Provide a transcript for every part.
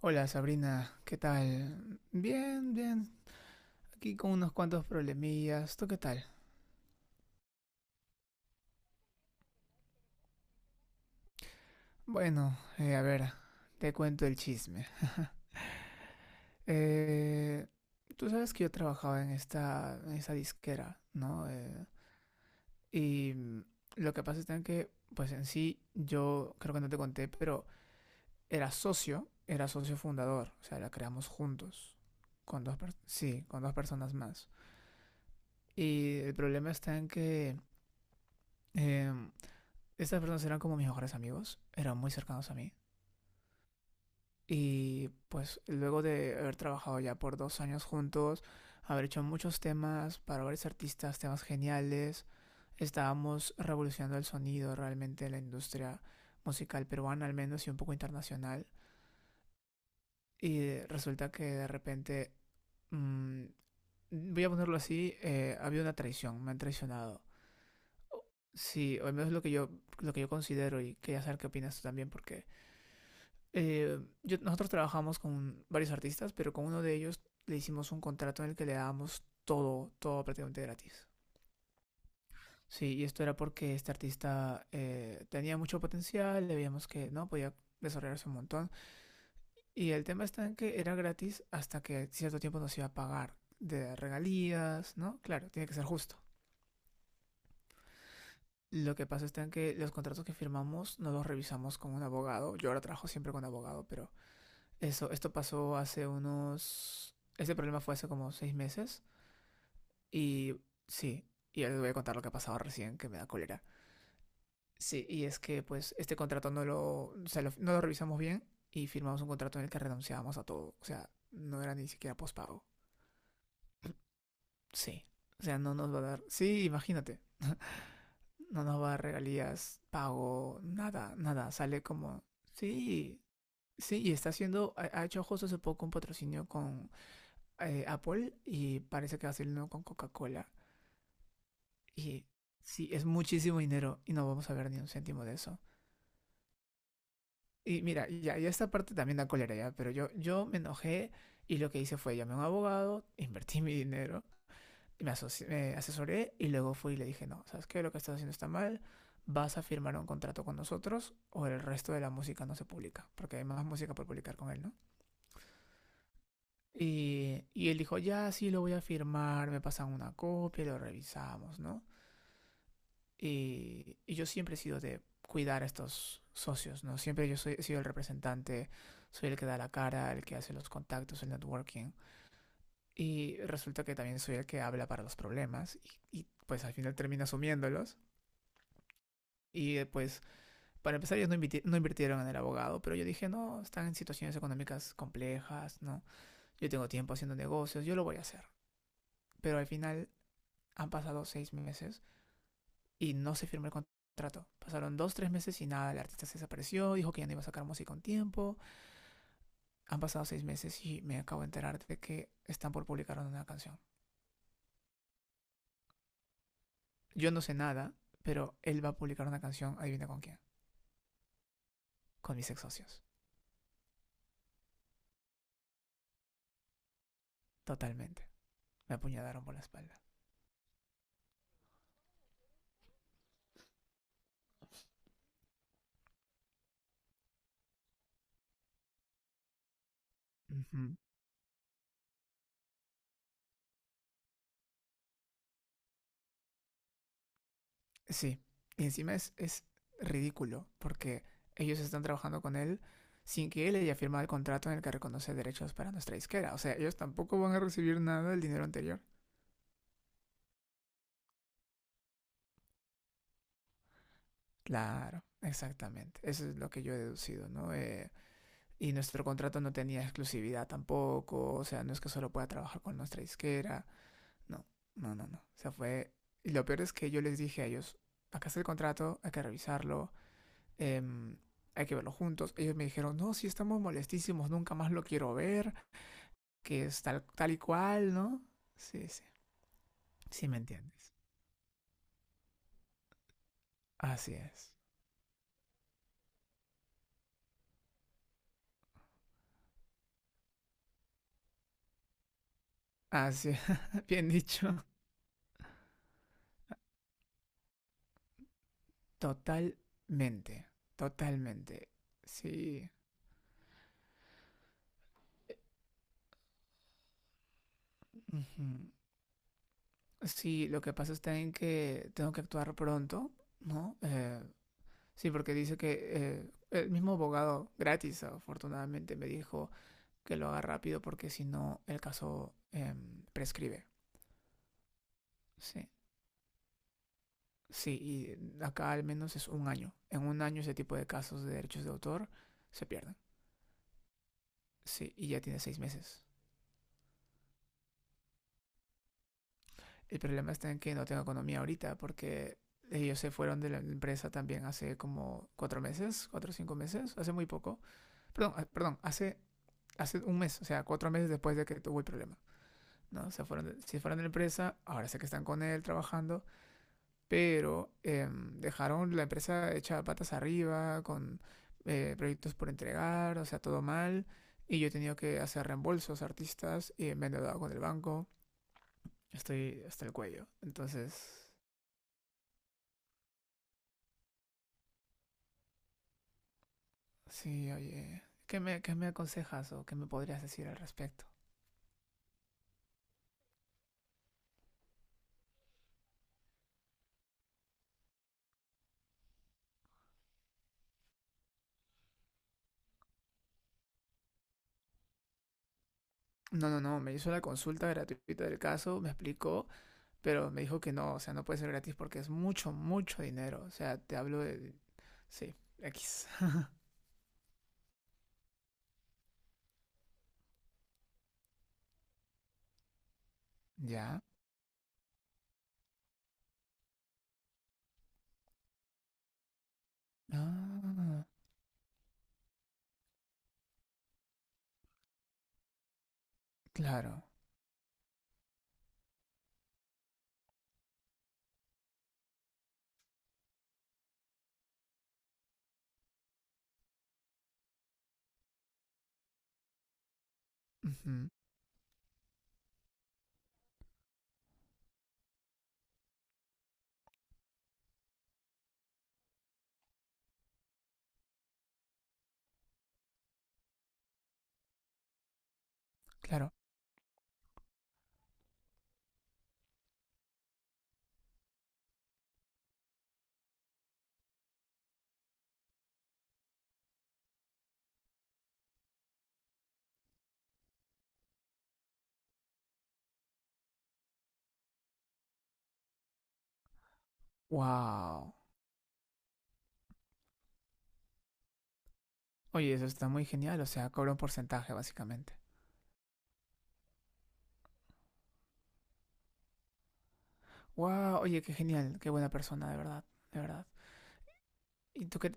Hola Sabrina, ¿qué tal? Bien, bien. Aquí con unos cuantos problemillas. ¿Tú qué tal? Bueno, a ver, te cuento el chisme. Eh, tú sabes que yo trabajaba en esta disquera, ¿no? Y lo que pasa es tan que, pues en sí, yo creo que no te conté, pero era socio fundador. O sea, la creamos juntos. Con dos, sí, con dos personas más. Y el problema está en que em, Estas personas eran como mis mejores amigos, eran muy cercanos a mí. Y pues luego de haber trabajado ya por 2 años juntos, haber hecho muchos temas para varios artistas, temas geniales, estábamos revolucionando el sonido realmente en la industria musical peruana, al menos, y un poco internacional. Y resulta que de repente, mmm, voy a ponerlo así, ha habido una traición, me han traicionado. Sí, o al menos lo que yo considero, y quería saber qué opinas tú también, porque nosotros trabajamos con varios artistas, pero con uno de ellos le hicimos un contrato en el que le dábamos todo, todo prácticamente gratis. Sí, y esto era porque este artista tenía mucho potencial, le veíamos que no podía desarrollarse un montón. Y el tema está en que era gratis hasta que cierto tiempo nos iba a pagar de regalías, ¿no? Claro, tiene que ser justo. Lo que pasa está en que los contratos que firmamos no los revisamos con un abogado. Yo ahora trabajo siempre con abogado, pero esto pasó hace unos... Este problema fue hace como 6 meses, y sí, y ahora les voy a contar lo que ha pasado recién, que me da cólera. Sí, y es que pues este contrato no lo, o sea, lo- no lo revisamos bien y firmamos un contrato en el que renunciábamos a todo. O sea, no era ni siquiera pospago. Sí. O sea, no nos va a dar... Sí, imagínate. No nos va a dar regalías, pago, nada, nada. Sale como... Sí, sí, y está haciendo... Ha hecho justo hace poco un patrocinio con Apple, y parece que va a ser uno con Coca-Cola. Y sí, es muchísimo dinero y no vamos a ver ni un céntimo de eso. Y mira, ya, ya esta parte también da cólera ya, pero yo me enojé, y lo que hice fue llamé a un abogado, invertí mi dinero, y me asesoré, y luego fui y le dije, no, ¿sabes qué? Lo que estás haciendo está mal, vas a firmar un contrato con nosotros o el resto de la música no se publica, porque hay más música por publicar con él, ¿no? Y él dijo, ya, sí lo voy a firmar, me pasan una copia, y lo revisamos, ¿no? Y yo siempre he sido de cuidar a estos socios, ¿no? Siempre he sido el representante, soy el que da la cara, el que hace los contactos, el networking. Y resulta que también soy el que habla para los problemas, y pues al final termina asumiéndolos. Y pues para empezar ellos no, invirtieron en el abogado, pero yo dije, no, están en situaciones económicas complejas, ¿no? Yo tengo tiempo haciendo negocios, yo lo voy a hacer. Pero al final han pasado 6 meses y no se firmó el contrato. Pasaron 2, 3 meses y nada, el artista se desapareció, dijo que ya no iba a sacar música con tiempo. Han pasado seis meses y me acabo de enterar de que están por publicar una canción. Yo no sé nada, pero él va a publicar una canción, adivina con quién, con mis ex socios. Totalmente. Me apuñalaron por la espalda. Ujú. Sí. Y encima es ridículo, porque ellos están trabajando con él sin que él haya firmado el contrato en el que reconoce derechos para nuestra disquera. O sea, ellos tampoco van a recibir nada del dinero anterior. Claro, exactamente. Eso es lo que yo he deducido, ¿no? Y nuestro contrato no tenía exclusividad tampoco, o sea, no es que solo pueda trabajar con nuestra disquera, no, no, no, no. O sea, fue... Y lo peor es que yo les dije a ellos, acá está el contrato, hay que revisarlo, em, hay que verlo juntos. Ellos me dijeron, no, si estamos molestísimos, nunca más lo quiero ver, que es tal, tal y cual, ¿no? Sí, sí. Sí me entiendes. Así es. Así, bien dicho. Totalmente, totalmente. Sí. Ujú. Sí, lo que pasa está en que tengo que actuar pronto, ¿no? Sí, porque dice que el mismo abogado, gratis afortunadamente, me dijo que lo haga rápido porque si no el caso prescribe. Sí, sí, y acá al menos es un año. En un año ese tipo de casos de derechos de autor se pierden. Sí, y ya tiene 6 meses. El problema está en que no tengo economía ahorita porque ellos se fueron de la empresa también hace como 4 meses, 4 o 5 meses, hace muy poco. Perdón, perdón, hace un mes, o sea, 4 meses después de que tuvo el problema. ¿No? Se fueron de la empresa, ahora sé que están con él trabajando, pero dejaron la empresa hecha patas arriba, con proyectos por entregar, o sea, todo mal. Y yo he tenido que hacer reembolsos a artistas y me he endeudado con el banco. Estoy hasta el cuello. Entonces, sí, oye. ¿Qué me aconsejas o qué me podrías decir al respecto? No, no, no, me hizo la consulta gratuita del caso, me explicó, pero me dijo que no, o sea, no puede ser gratis porque es mucho, mucho dinero. O sea, te hablo de... Sí, X. ¿Ya? Ah, claro. Ujú, claro. Wow. Oye, eso está muy genial, o sea, cobra un porcentaje, básicamente. Wow, oye, qué genial, qué buena persona, de verdad, de verdad. ¿Y tú qué?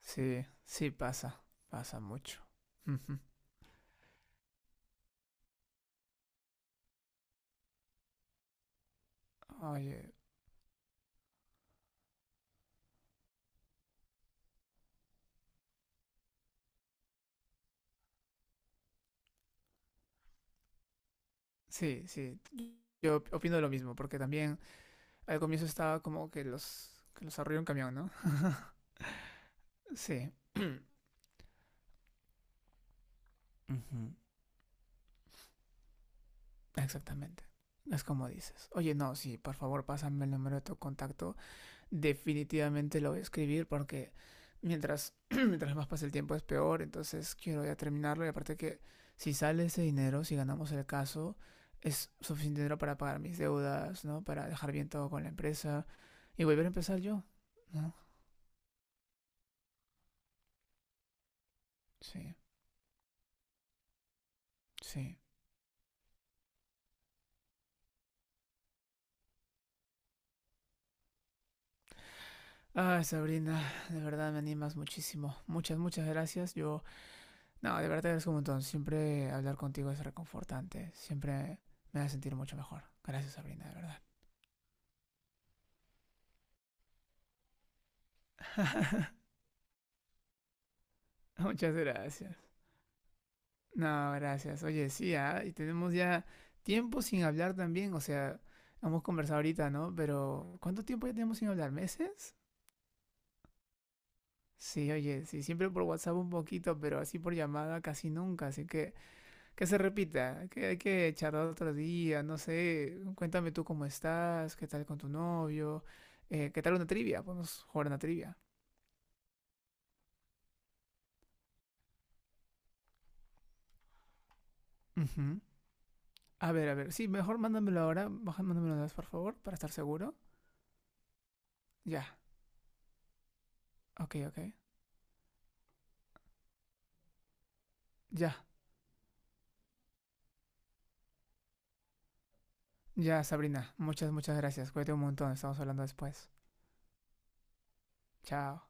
Sí, sí, pasa, pasa mucho. Ujú. Oye, sí, sí. Yo opino lo mismo, porque también al comienzo estaba como que que los arrolló un camión, ¿no? Sí. Ujú. Exactamente. Es como dices. Oye, no, sí, por favor, pásame el número de tu contacto. Definitivamente lo voy a escribir porque mientras, mientras más pasa el tiempo es peor. Entonces quiero ya terminarlo. Y aparte que si sale ese dinero, si ganamos el caso, es suficiente dinero para pagar mis deudas, ¿no? Para dejar bien todo con la empresa y volver a empezar yo, ¿no? Sí. Sí. Ay, Sabrina, de verdad me animas muchísimo. Muchas, muchas gracias. Yo, no, de verdad te agradezco un montón. Siempre hablar contigo es reconfortante. Siempre me hace sentir mucho mejor. Gracias, Sabrina, de verdad. Muchas gracias. No, gracias. Oye, sí, ah, y tenemos ya tiempo sin hablar también. O sea, hemos conversado ahorita, ¿no? Pero, ¿cuánto tiempo ya tenemos sin hablar? ¿Meses? Sí, oye, sí, siempre por WhatsApp un poquito, pero así por llamada casi nunca. Así que se repita, que hay que charlar otro día, no sé, cuéntame tú cómo estás, qué tal con tu novio, qué tal una trivia, podemos jugar una trivia. Ujú. A ver, sí, mejor mándamelo ahora, mándamelo una vez, por favor, para estar seguro. Ya, ok, ok. Ya, ya, Sabrina, muchas, muchas gracias, cuídate un montón, estamos hablando después. Chao.